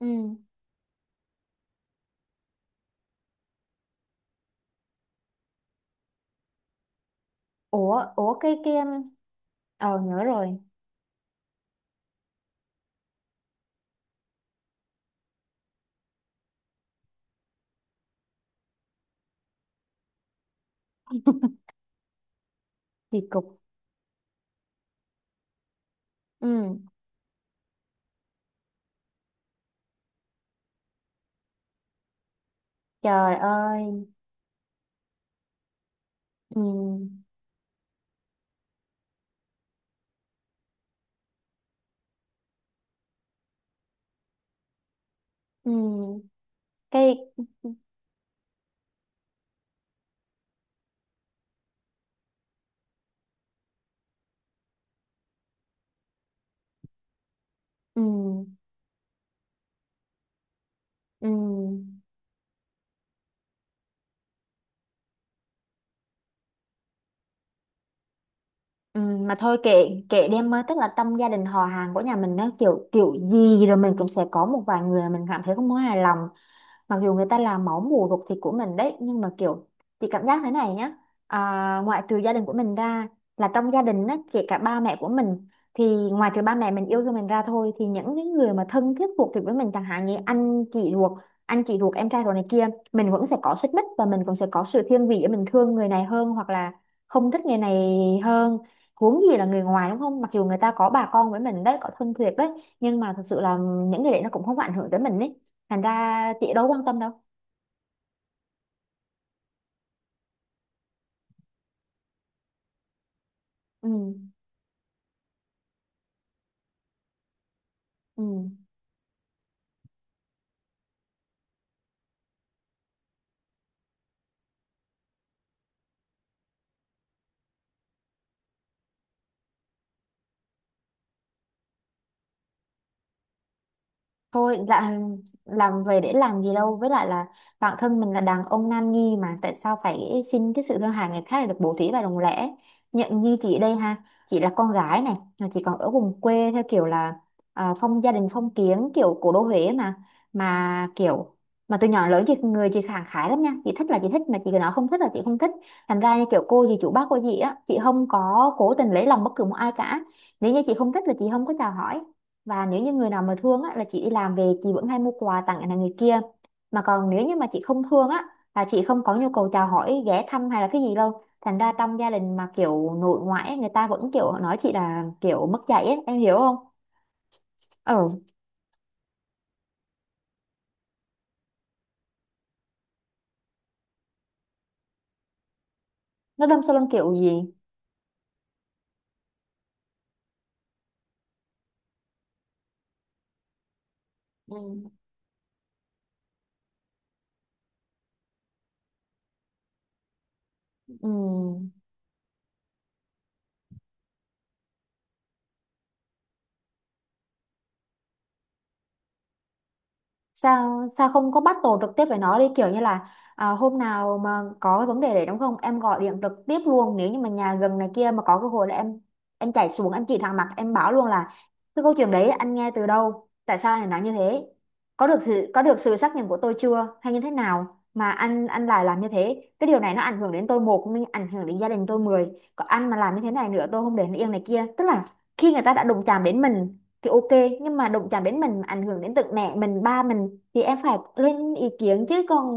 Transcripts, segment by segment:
Ừ. ủa ủa cái ờ, nhớ rồi. Kỳ cục. Ừ. Trời ơi. Ừ. Ừ. Cái... Ừ. Ừ. Ừ. Mà thôi, kệ. Kệ đi em, tức là trong gia đình họ hàng của nhà mình nó kiểu kiểu gì rồi mình cũng sẽ có một vài người mình cảm thấy không có hài lòng, mặc dù người ta làm máu mủ ruột thịt của mình đấy, nhưng mà kiểu... Chị cảm giác thế này nhá, à, ngoại trừ gia đình của mình ra, là trong gia đình á, kể cả ba mẹ của mình, thì ngoài trừ ba mẹ mình yêu thương mình ra thôi, thì những cái người mà thân thiết ruột thịt với mình, chẳng hạn như anh chị ruột, em trai ruột này kia, mình vẫn sẽ có xích mích và mình cũng sẽ có sự thiên vị để mình thương người này hơn hoặc là không thích người này hơn. Huống gì là người ngoài đúng không, mặc dù người ta có bà con với mình đấy, có thân thiệt đấy, nhưng mà thực sự là những người đấy nó cũng không ảnh hưởng tới mình đấy, thành ra chị đâu quan tâm đâu. Ừ. Ừ. Thôi là làm về để làm gì đâu, với lại là bản thân mình là đàn ông nam nhi mà tại sao phải xin cái sự thương hại người khác để được bổ thí và đồng lẽ nhận như chị đây ha. Chị là con gái này mà chị còn ở vùng quê theo kiểu là à, phong gia đình phong kiến kiểu cổ đô Huế mà kiểu... Mà từ nhỏ đến lớn chị người chị khẳng khái lắm nha, chị thích là chị thích, mà chị cứ nói không thích là chị không thích. Thành ra như kiểu cô gì chủ bác cô gì á, chị không có cố tình lấy lòng bất cứ một ai cả. Nếu như chị không thích là chị không có chào hỏi, và nếu như người nào mà thương á, là chị đi làm về chị vẫn hay mua quà tặng là người kia. Mà còn nếu như mà chị không thương á, là chị không có nhu cầu chào hỏi, ghé thăm hay là cái gì đâu. Thành ra trong gia đình mà kiểu nội ngoại ấy, người ta vẫn kiểu nói chị là kiểu mất dạy ấy, em hiểu không? Ừ. Nó đâm sau lưng kiểu gì? Ừ. Ừ. sao sao không có battle trực tiếp với nó đi kiểu như là à, hôm nào mà có cái vấn đề đấy đúng không, em gọi điện trực tiếp luôn, nếu như mà nhà gần này kia mà có cơ hội là em chạy xuống, em chỉ thẳng mặt em bảo luôn là: cái câu chuyện đấy anh nghe từ đâu, tại sao anh lại nói như thế? Có được sự xác nhận của tôi chưa, hay như thế nào mà anh lại làm như thế? Cái điều này nó ảnh hưởng đến tôi một nhưng ảnh hưởng đến gia đình tôi mười. Còn anh mà làm như thế này nữa tôi không để nó yên này kia, tức là khi người ta đã đụng chạm đến mình thì ok, nhưng mà đụng chạm đến mình mà ảnh hưởng đến tận mẹ mình ba mình thì em phải lên ý kiến chứ. Còn...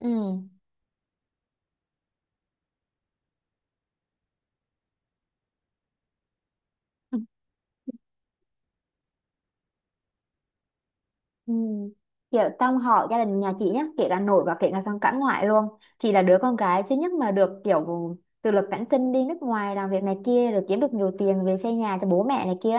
Ừ. Ừ. Kiểu trong họ gia đình nhà chị nhá, kể cả nội và kể cả sang cả ngoại luôn, chị là đứa con gái duy nhất mà được kiểu tự lực cánh sinh đi nước ngoài làm việc này kia, rồi kiếm được nhiều tiền về xây nhà cho bố mẹ này kia.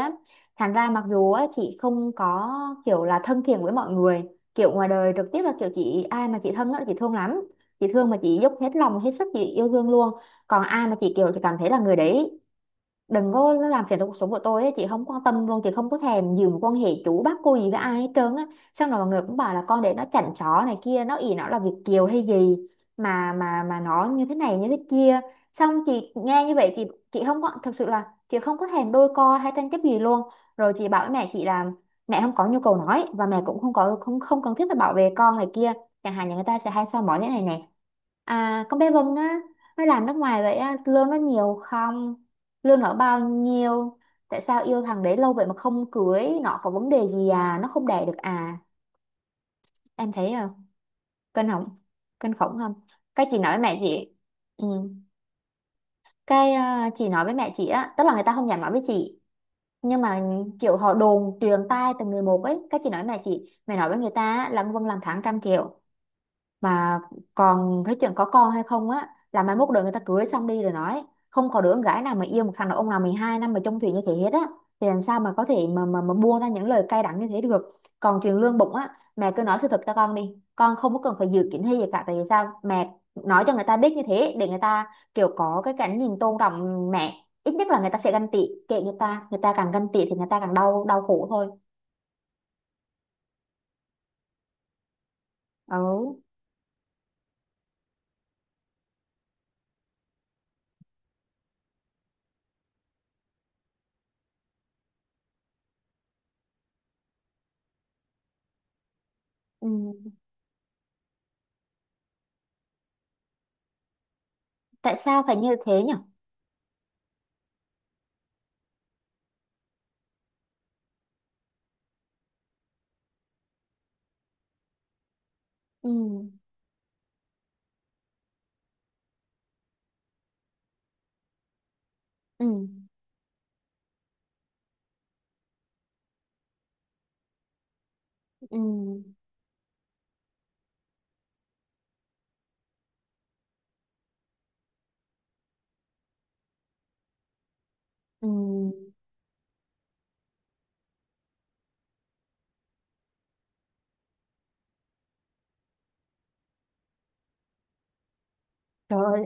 Thành ra mặc dù á, chị không có kiểu là thân thiện với mọi người, kiểu ngoài đời trực tiếp là kiểu chị, ai mà chị thân á, chị thương lắm. Chị thương mà chị dốc hết lòng hết sức chị yêu thương luôn. Còn ai mà chị kiểu chị cảm thấy là người đấy đừng có nó làm phiền tới cuộc sống của tôi ấy, chị không quan tâm luôn, chị không có thèm giữ mối quan hệ chú bác cô gì với ai hết trơn á. Xong rồi mọi người cũng bảo là con để nó chảnh chó này kia, nó ỷ nó là Việt kiều hay gì mà mà nó như thế này như thế kia. Xong chị nghe như vậy chị... Chị không có, thực sự là chị không có thèm đôi co hay tranh chấp gì luôn. Rồi chị bảo với mẹ chị là mẹ không có nhu cầu nói, và mẹ cũng không có không không cần thiết phải bảo vệ con này kia. Chẳng hạn như người ta sẽ hay soi mói thế này nè: à, con bé Vân á, nó làm nước ngoài vậy á lương nó nhiều không, lương nó bao nhiêu, tại sao yêu thằng đấy lâu vậy mà không cưới, nó có vấn đề gì à, nó không đẻ được à. Em thấy không, kinh khủng, kinh khủng không? Cái chị nói với mẹ chị... Ừ. Cái ờ, chị nói với mẹ chị á, tức là người ta không dám nói với chị, nhưng mà kiểu họ đồn truyền tai từng người một ấy, cái chị nói với mẹ chị, mẹ nói với người ta á, là ông Vân làm tháng 100 triệu. Mà còn cái chuyện có con hay không á là mai mốt đời người ta cưới xong đi rồi nói, không có đứa con gái nào mà yêu một thằng đàn ông nào 12 năm mà chung thủy như thế hết á, thì làm sao mà có thể mà buông ra những lời cay đắng như thế được. Còn chuyện lương bụng á, mẹ cứ nói sự thật cho con đi, con không có cần phải dự kiến hay gì cả, tại vì sao mẹ nói cho người ta biết như thế để người ta kiểu có cái cảnh nhìn tôn trọng mẹ, ít nhất là người ta sẽ ganh tị. Kệ người ta, người ta càng ganh tị thì người ta càng đau, đau khổ thôi. Ừ. Ừ. Tại sao phải như thế nhỉ? Ừ. Ừ. Ừ. Ừ. Trời ơi,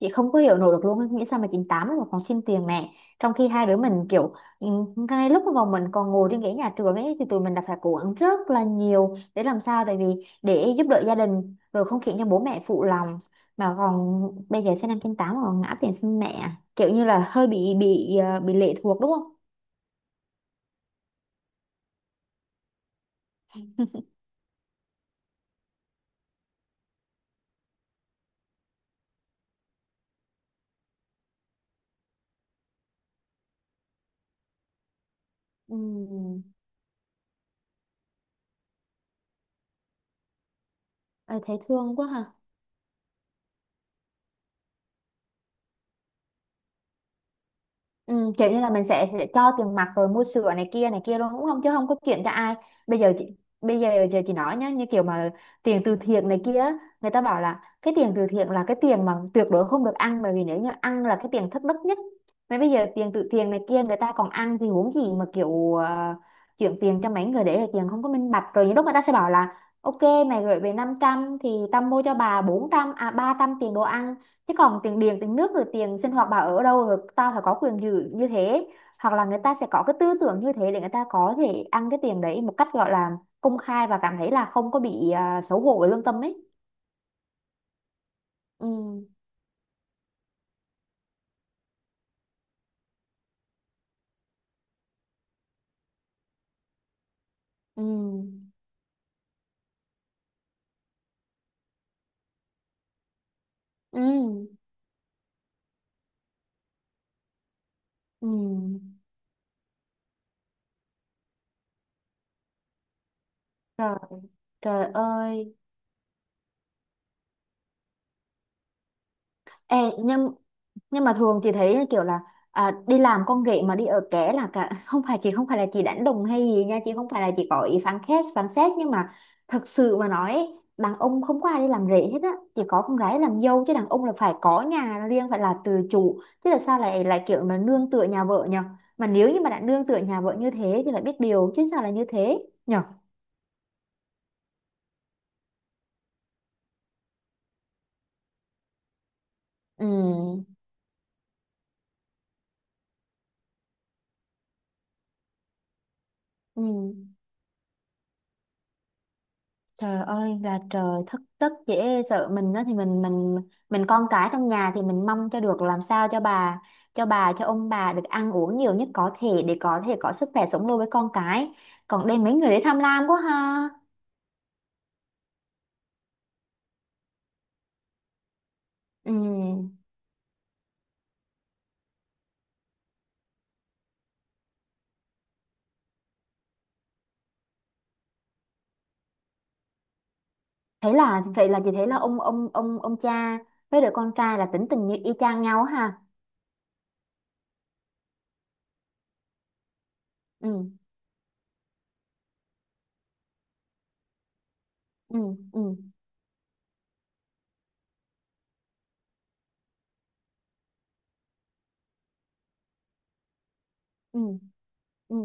chị không có hiểu nổi được luôn á, nghĩ sao mà 98 mà còn xin tiền mẹ. Trong khi hai đứa mình kiểu... Ừ, ngay lúc mà bọn mình còn ngồi trên ghế nhà trường ấy thì tụi mình đã phải cố gắng rất là nhiều để làm sao, tại vì để giúp đỡ gia đình rồi không khiến cho bố mẹ phụ lòng. Mà còn bây giờ sinh năm 98 mà còn ngã tiền xin mẹ, kiểu như là hơi bị bị lệ thuộc đúng không. Ừ. Ê, thấy thương quá ha. Ừ, kiểu như là mình sẽ cho tiền mặt rồi mua sữa này kia luôn đúng không, chứ không có chuyện cho ai. Bây giờ chị... bây giờ giờ chị nói nhá, như kiểu mà tiền từ thiện này kia á, người ta bảo là cái tiền từ thiện là cái tiền mà tuyệt đối không được ăn, bởi vì nếu như ăn là cái tiền thất đức nhất. Mà bây giờ tiền từ thiện này kia người ta còn ăn thì huống gì mà kiểu ờ, chuyển tiền cho mấy người để là tiền không có minh bạch. Rồi những lúc người ta sẽ bảo là: ok, mày gửi về 500 thì tao mua cho bà 400, à 300 tiền đồ ăn. Thế còn tiền điện, tiền nước rồi tiền sinh hoạt bà ở đâu, rồi tao phải có quyền giữ như thế. Hoặc là người ta sẽ có cái tư tưởng như thế để người ta có thể ăn cái tiền đấy một cách gọi là công khai và cảm thấy là không có bị à, xấu hổ với lương tâm ấy. Ừ. Ừ. Ừ. Ừ. Rồi. Trời ơi. Ê, nhưng... Nhưng mà thường chị thấy kiểu là à, đi làm con rể mà đi ở ké là cả không phải chị, không phải là chị đánh đồng hay gì nha, chị không phải là chị có ý phán xét, phán xét nhưng mà thật sự mà nói ấy, đàn ông không có ai đi làm rể hết á. Chỉ có con gái làm dâu, chứ đàn ông là phải có nhà riêng, phải là tự chủ, chứ là sao lại lại kiểu mà nương tựa nhà vợ nhở. Mà nếu như mà đã nương tựa nhà vợ như thế thì phải biết điều chứ, sao là như thế nhở. Ừ. Ừ. Trời ơi là trời, thất tất dễ sợ. Mình đó thì mình con cái trong nhà thì mình mong cho được làm sao cho bà cho ông bà được ăn uống nhiều nhất có thể để có thể có sức khỏe sống lâu với con cái. Còn đây mấy người đấy tham lam quá ha. Ừ. Thế là vậy là chị thấy là ông cha với đứa con trai là tính tình như y chang nhau ha. Ừ. Ừ. Ừ. Ừ. Ừ.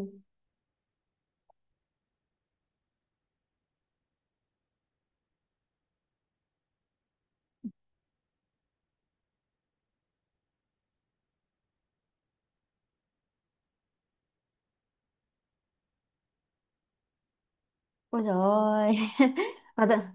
Ôi trời ơi. Và dạ-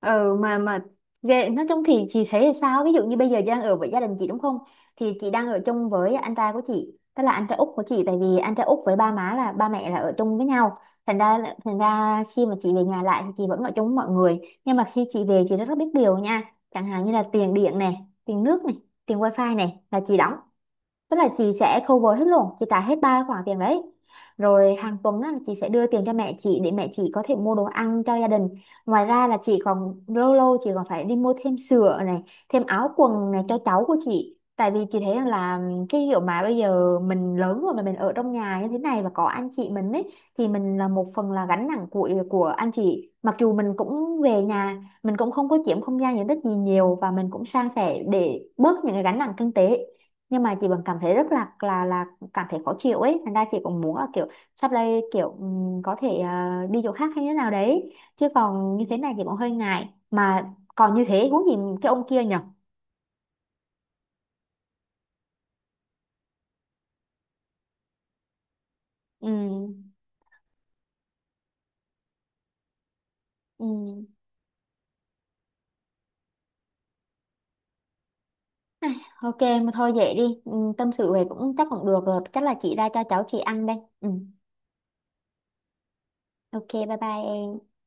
ờ mà ghê, nói chung thì chị thấy sao. Ví dụ như bây giờ chị đang ở với gia đình chị đúng không, thì chị đang ở chung với anh trai của chị, tức là anh trai út của chị, tại vì anh trai út với ba má là ba mẹ là ở chung với nhau. Thành ra là- thành ra khi mà chị về nhà lại thì chị vẫn ở chung với mọi người, nhưng mà khi chị về chị rất, rất biết điều nha. Chẳng hạn như là tiền điện này, tiền nước này, tiền wifi này là chị đóng, tức là chị sẽ cover hết luôn, chị trả hết ba khoản tiền đấy. Rồi hàng tuần á, là chị sẽ đưa tiền cho mẹ chị để mẹ chị có thể mua đồ ăn cho gia đình. Ngoài ra là chị còn lâu lâu chị còn phải đi mua thêm sữa này, thêm áo quần này cho cháu của chị, tại vì chị thấy rằng là cái kiểu mà bây giờ mình lớn rồi mà mình ở trong nhà như thế này và có anh chị mình ấy, thì mình là một phần là gánh nặng của anh chị, mặc dù mình cũng về nhà mình cũng không có chiếm không gian diện tích gì nhiều và mình cũng san sẻ để bớt những cái gánh nặng kinh tế, nhưng mà chị vẫn cảm thấy rất là cảm thấy khó chịu ấy, thành ra chị cũng muốn là kiểu sắp đây kiểu có thể à, đi chỗ khác hay như thế nào đấy, chứ còn như thế này chị cũng hơi ngại, mà còn như thế huống gì cái ông kia nhở. Ừ. Ừ. Ok mà thôi vậy đi. Ừ, tâm sự về cũng chắc cũng được rồi, chắc là chị ra cho cháu chị ăn đây. Ừ. Ok bye bye em.